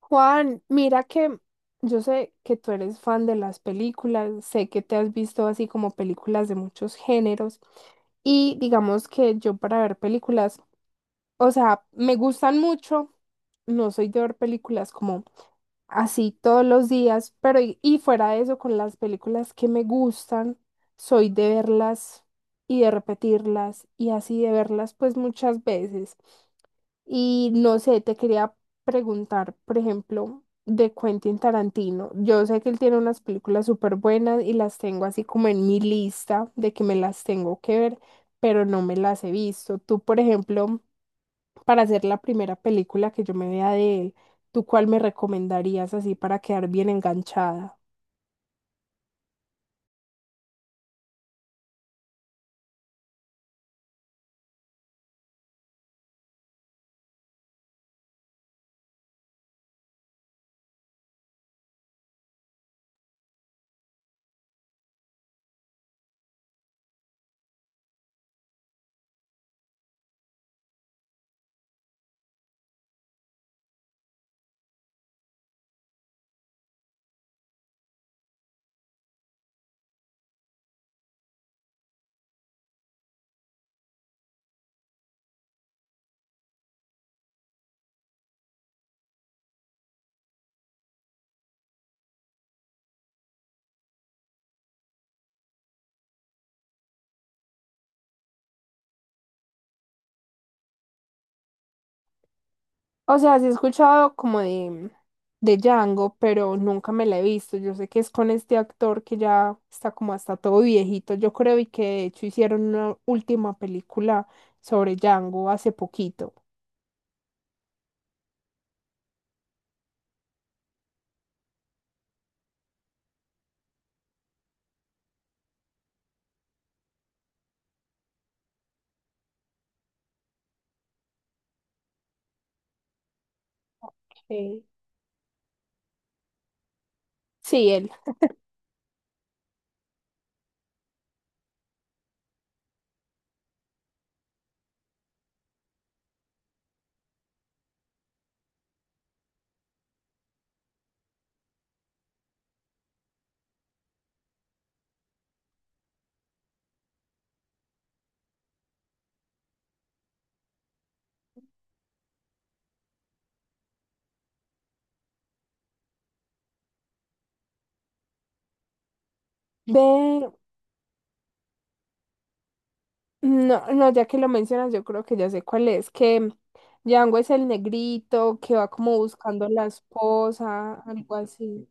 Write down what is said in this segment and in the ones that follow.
Juan, mira que yo sé que tú eres fan de las películas, sé que te has visto así como películas de muchos géneros y digamos que yo para ver películas, o sea, me gustan mucho, no soy de ver películas como así todos los días, pero y fuera de eso, con las películas que me gustan, soy de verlas y de repetirlas y así de verlas pues muchas veces. Y no sé, te quería preguntar, por ejemplo, de Quentin Tarantino. Yo sé que él tiene unas películas súper buenas y las tengo así como en mi lista de que me las tengo que ver, pero no me las he visto. Tú, por ejemplo, para hacer la primera película que yo me vea de él, ¿tú cuál me recomendarías así para quedar bien enganchada? O sea, sí he escuchado como de Django, pero nunca me la he visto. Yo sé que es con este actor que ya está como hasta todo viejito, yo creo, y que de hecho hicieron una última película sobre Django hace poquito. Sí. Sí, él. Ve, no, no, ya que lo mencionas, yo creo que ya sé cuál es, que Django es el negrito que va como buscando la esposa, algo así.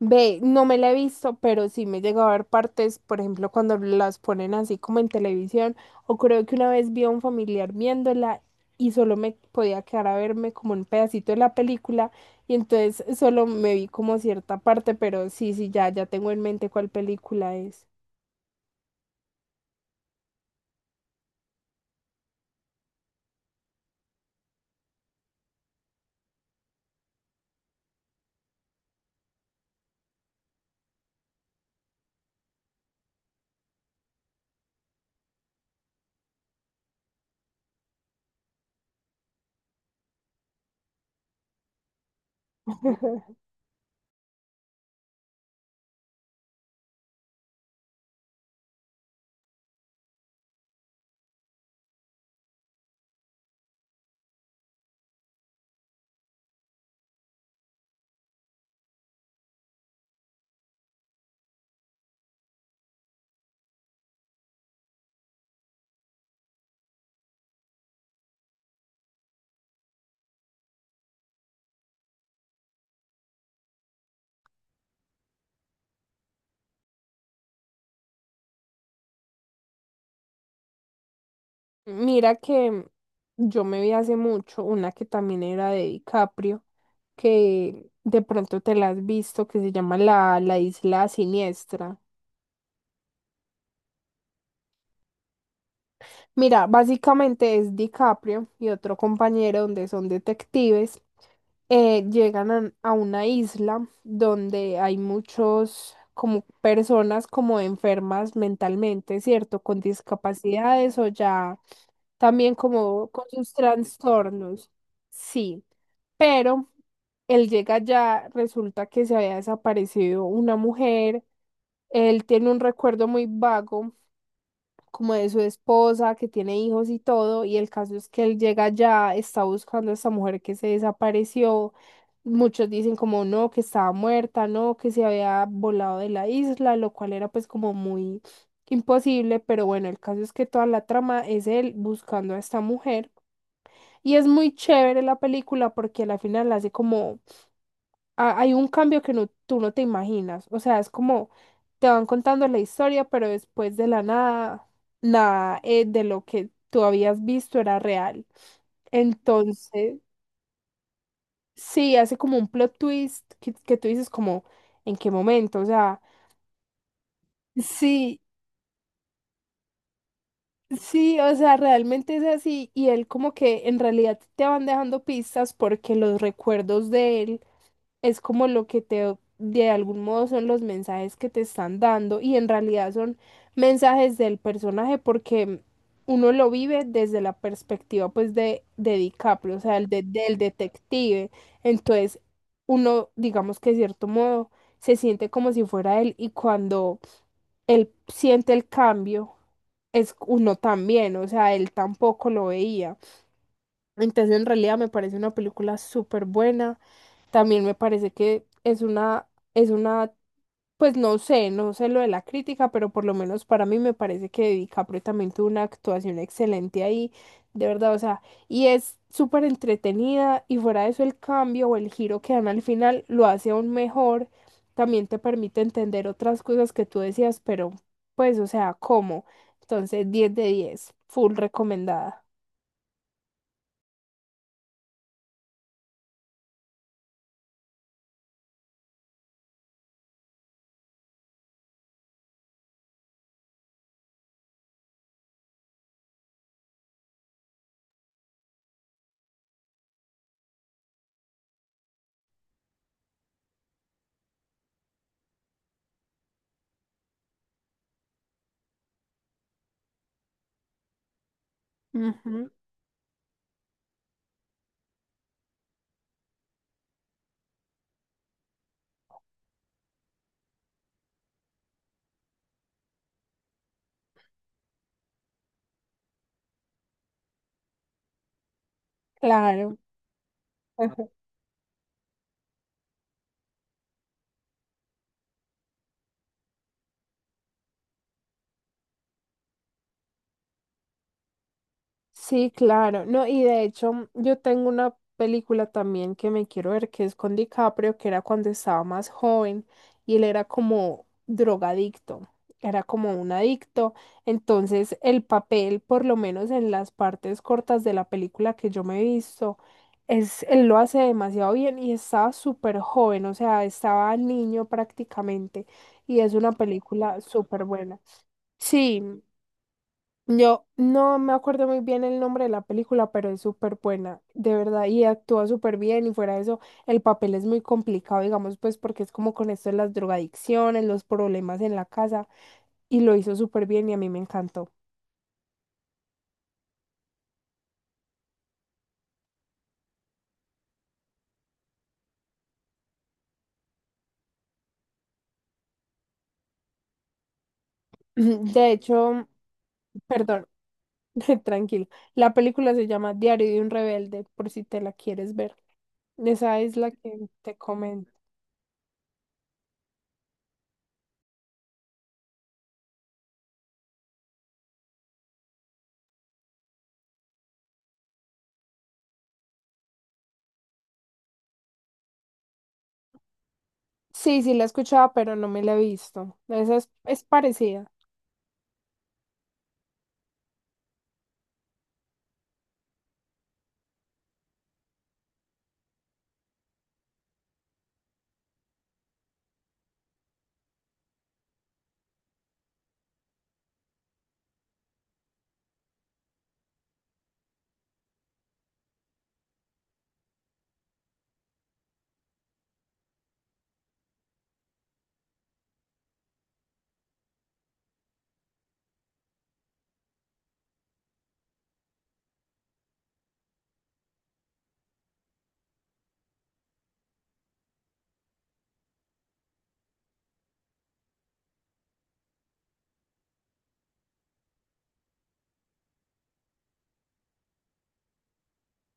Ve, no me la he visto, pero sí me llegó a ver partes, por ejemplo, cuando las ponen así como en televisión, o creo que una vez vi a un familiar viéndola y solo me podía quedar a verme como un pedacito de la película, y entonces solo me vi como cierta parte, pero sí, sí, ya, ya tengo en mente cuál película es. Mira que yo me vi hace mucho una que también era de DiCaprio, que de pronto te la has visto, que se llama la Isla Siniestra. Mira, básicamente es DiCaprio y otro compañero donde son detectives, llegan a una isla donde hay muchos como personas como enfermas mentalmente, ¿cierto? Con discapacidades o ya también como con sus trastornos. Sí, pero él llega ya, resulta que se había desaparecido una mujer. Él tiene un recuerdo muy vago como de su esposa, que tiene hijos y todo, y el caso es que él llega allá, está buscando a esta mujer que se desapareció. Muchos dicen como no, que estaba muerta, no, que se había volado de la isla, lo cual era pues como muy imposible, pero bueno, el caso es que toda la trama es él buscando a esta mujer. Y es muy chévere la película porque al final hace como hay un cambio que no, tú no te imaginas. O sea, es como te van contando la historia, pero después de la nada, nada de lo que tú habías visto era real. Entonces, sí, hace como un plot twist que tú dices como, ¿en qué momento? O sea, sí, sí, o sea, realmente es así. Y él como que en realidad te van dejando pistas porque los recuerdos de él es como lo que te, de algún modo son los mensajes que te están dando y en realidad son mensajes del personaje porque uno lo vive desde la perspectiva pues de DiCaprio, o sea, el del detective. Entonces, uno, digamos que de cierto modo, se siente como si fuera él y cuando él siente el cambio, es uno también, o sea, él tampoco lo veía. Entonces, en realidad me parece una película súper buena. También me parece que es una, pues no sé, no sé lo de la crítica, pero por lo menos para mí me parece que DiCaprio también tuvo una actuación excelente ahí, de verdad, o sea, y es súper entretenida y fuera de eso el cambio o el giro que dan al final lo hace aún mejor, también te permite entender otras cosas que tú decías, pero pues, o sea, ¿cómo? Entonces, 10 de 10 full recomendada. Claro. Sí, claro. No, y de hecho, yo tengo una película también que me quiero ver, que es con DiCaprio, que era cuando estaba más joven y él era como drogadicto, era como un adicto. Entonces, el papel, por lo menos en las partes cortas de la película que yo me he visto, es, él lo hace demasiado bien y estaba súper joven, o sea, estaba niño prácticamente y es una película súper buena. Sí, yo no me acuerdo muy bien el nombre de la película, pero es súper buena, de verdad, y actúa súper bien y fuera de eso, el papel es muy complicado, digamos, pues porque es como con esto de las drogadicciones, los problemas en la casa, y lo hizo súper bien y a mí me encantó. De hecho, perdón, tranquilo, la película se llama Diario de un rebelde, por si te la quieres ver. Esa es la que te comento. Sí, sí la escuchaba, pero no me la he visto. Esa es parecida.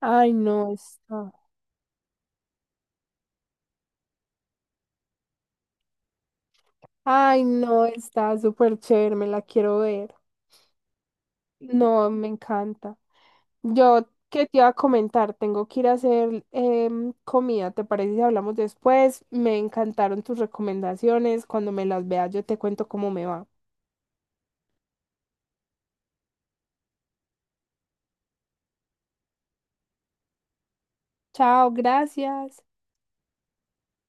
Ay, no, está. Ay, no, está súper chévere, me la quiero ver. No, me encanta. Yo, ¿qué te iba a comentar? Tengo que ir a hacer comida, ¿te parece si hablamos después? Me encantaron tus recomendaciones. Cuando me las veas, yo te cuento cómo me va. Chao, gracias.